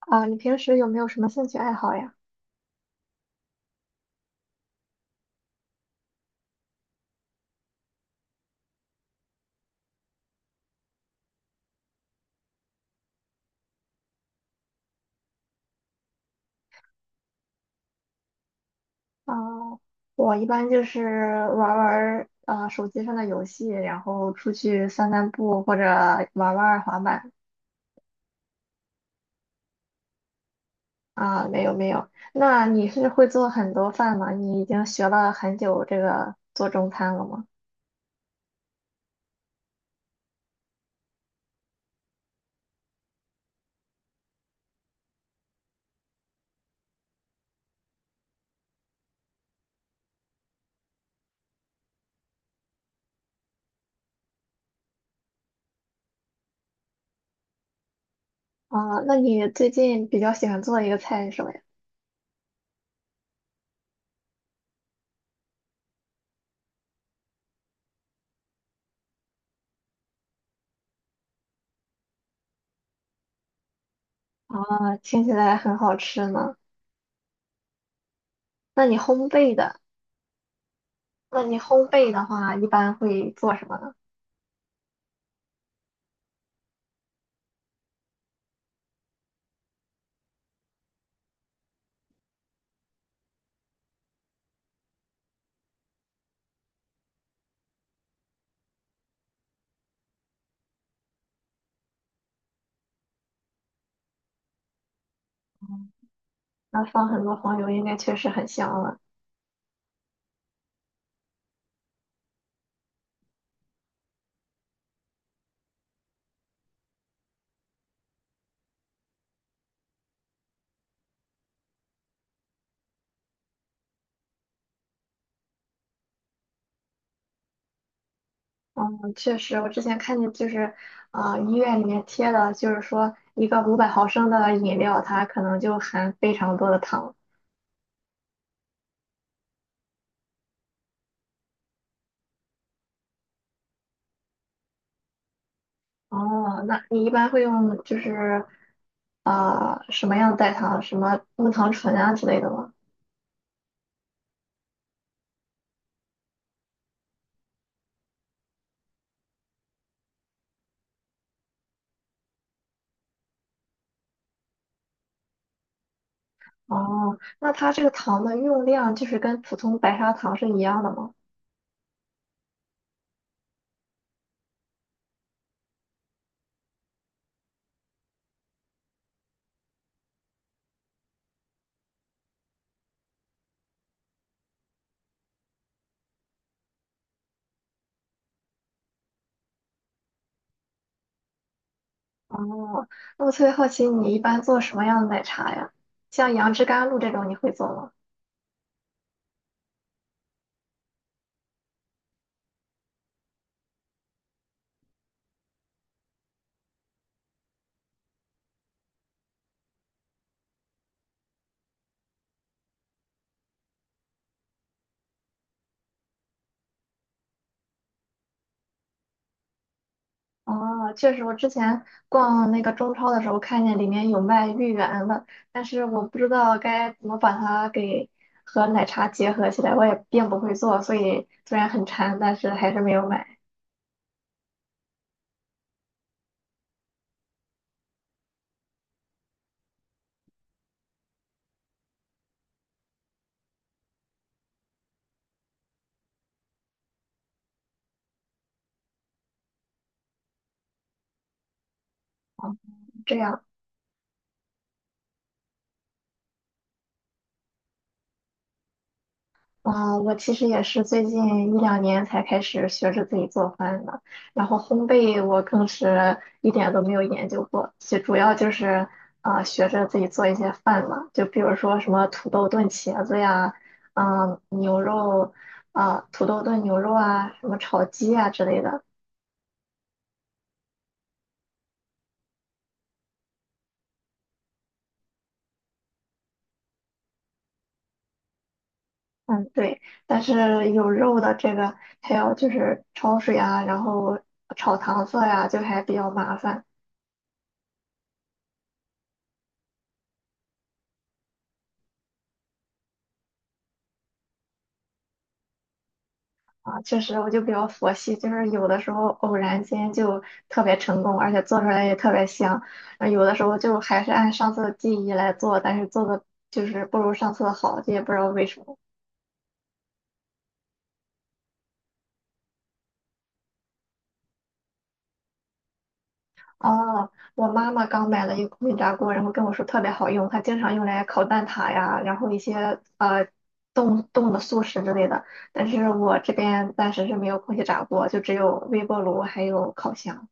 啊，你平时有没有什么兴趣爱好呀？啊，我一般就是玩儿玩儿手机上的游戏，然后出去散散步或者玩儿玩儿滑板。啊，没有没有。那你是会做很多饭吗？你已经学了很久这个做中餐了吗？啊，那你最近比较喜欢做的一个菜是什么呀？啊，听起来很好吃呢。那你烘焙的，那你烘焙的话，一般会做什么呢？那放很多黄油，应该确实很香了。嗯，确实，我之前看见医院里面贴的，就是说一个500毫升的饮料，它可能就含非常多的糖。哦，那你一般会用什么样的代糖，什么木糖醇啊之类的吗？哦，那它这个糖的用量就是跟普通白砂糖是一样的吗？哦，那我特别好奇，你一般做什么样的奶茶呀？像杨枝甘露这种，你会做吗？哦，确实，我之前逛那个中超的时候看见里面有卖芋圆的，但是我不知道该怎么把它给和奶茶结合起来，我也并不会做，所以虽然很馋，但是还是没有买。这样。啊，我其实也是最近一两年才开始学着自己做饭的，然后烘焙我更是一点都没有研究过，就主要就是学着自己做一些饭嘛，就比如说什么土豆炖茄子呀，嗯、牛肉啊、土豆炖牛肉啊，什么炒鸡啊之类的。嗯，对，但是有肉的这个还有就是焯水啊，然后炒糖色呀，就还比较麻烦。啊，确实，我就比较佛系，就是有的时候偶然间就特别成功，而且做出来也特别香。啊，有的时候就还是按上次的记忆来做，但是做的不如上次的好，这也不知道为什么。哦，我妈妈刚买了一个空气炸锅，然后跟我说特别好用，她经常用来烤蛋挞呀，然后一些呃冻冻的速食之类的。但是我这边暂时是没有空气炸锅，就只有微波炉还有烤箱。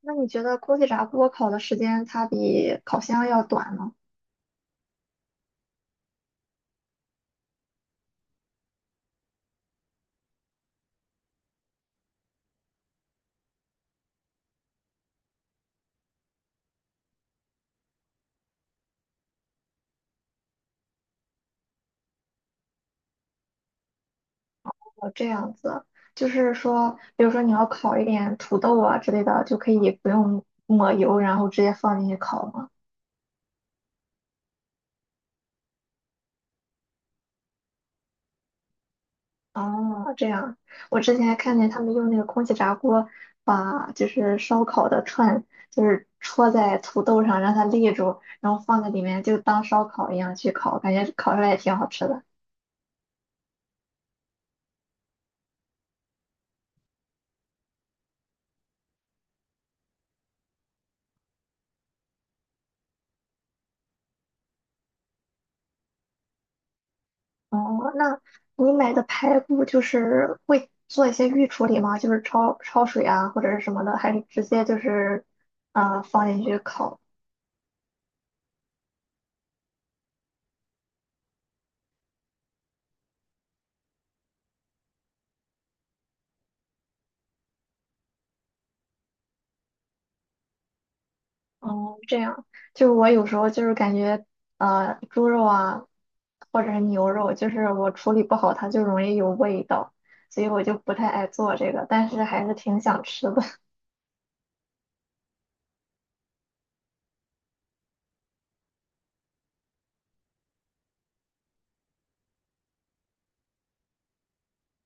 那你觉得空气炸锅烤的时间它比烤箱要短吗？哦，这样子，就是说，比如说你要烤一点土豆啊之类的，就可以不用抹油，然后直接放进去烤吗？哦，这样，我之前还看见他们用那个空气炸锅把烧烤的串，就是戳在土豆上让它立住，然后放在里面就当烧烤一样去烤，感觉烤出来也挺好吃的。哦，那你买的排骨就是会做一些预处理吗？就是焯水啊，或者是什么的，还是直接放进去烤？哦，这样，就是我有时候就是感觉猪肉啊，或者是牛肉，就是我处理不好，它就容易有味道，所以我就不太爱做这个，但是还是挺想吃的。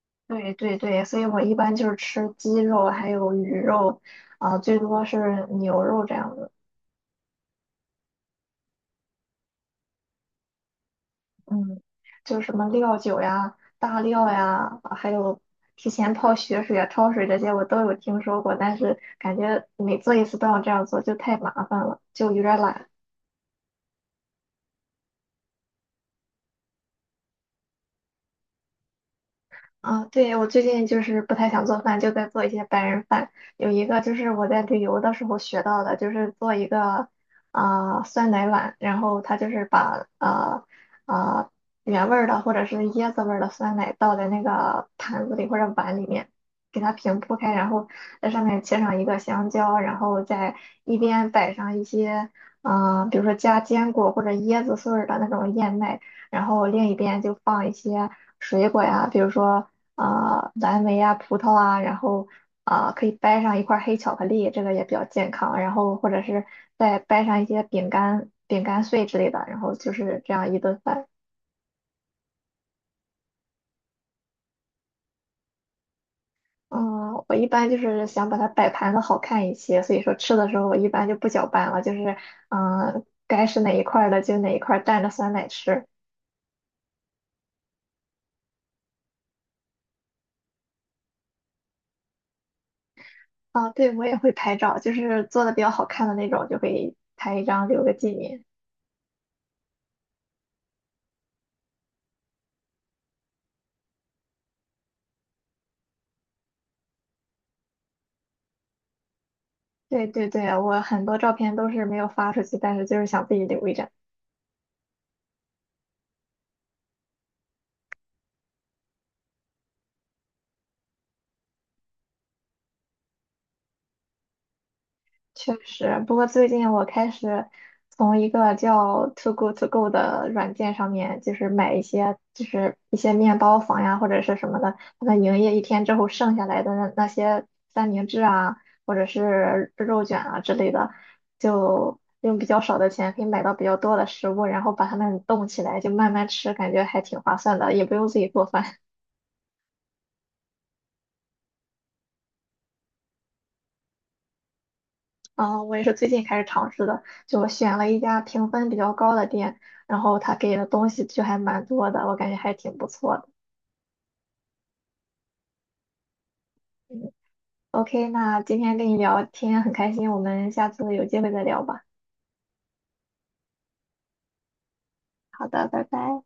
对对对，所以我一般就是吃鸡肉，还有鱼肉，最多是牛肉这样的。嗯，就是什么料酒呀、大料呀，啊还有提前泡血水啊、焯水这些，我都有听说过，但是感觉每做一次都要这样做，就太麻烦了，就有点懒。啊，对，我最近就是不太想做饭，就在做一些白人饭。有一个就是我在旅游的时候学到的，就是做一个酸奶碗，然后它就是把呃原味儿的或者是椰子味儿的酸奶倒在那个盘子里或者碗里面，给它平铺开，然后在上面切上一个香蕉，然后再一边摆上一些比如说加坚果或者椰子碎儿的那种燕麦。然后另一边就放一些水果呀，比如说蓝莓啊、葡萄啊，然后可以掰上一块儿黑巧克力，这个也比较健康。然后或者是再掰上一些饼干、饼干碎之类的，然后就是这样一顿饭。嗯，我一般就是想把它摆盘的好看一些，所以说吃的时候我一般就不搅拌了，就是该是哪一块儿的就哪一块儿蘸着酸奶吃。啊，对，我也会拍照，就是做的比较好看的那种，就会拍一张留个纪念。对对对，我很多照片都是没有发出去，但是就是想自己留一张。确实，不过最近我开始从一个叫 ToGo To Go 的软件上面，就是买一些就是一些面包房呀或者是什么的，他们营业一天之后剩下来的那些三明治啊，或者是肉卷啊之类的，就用比较少的钱可以买到比较多的食物，然后把它们冻起来就慢慢吃，感觉还挺划算的，也不用自己做饭。啊，我也是最近开始尝试的，就选了一家评分比较高的店，然后他给的东西就还蛮多的，我感觉还挺不错的。嗯，OK，那今天跟你聊天很开心，我们下次有机会再聊吧。好的，拜拜。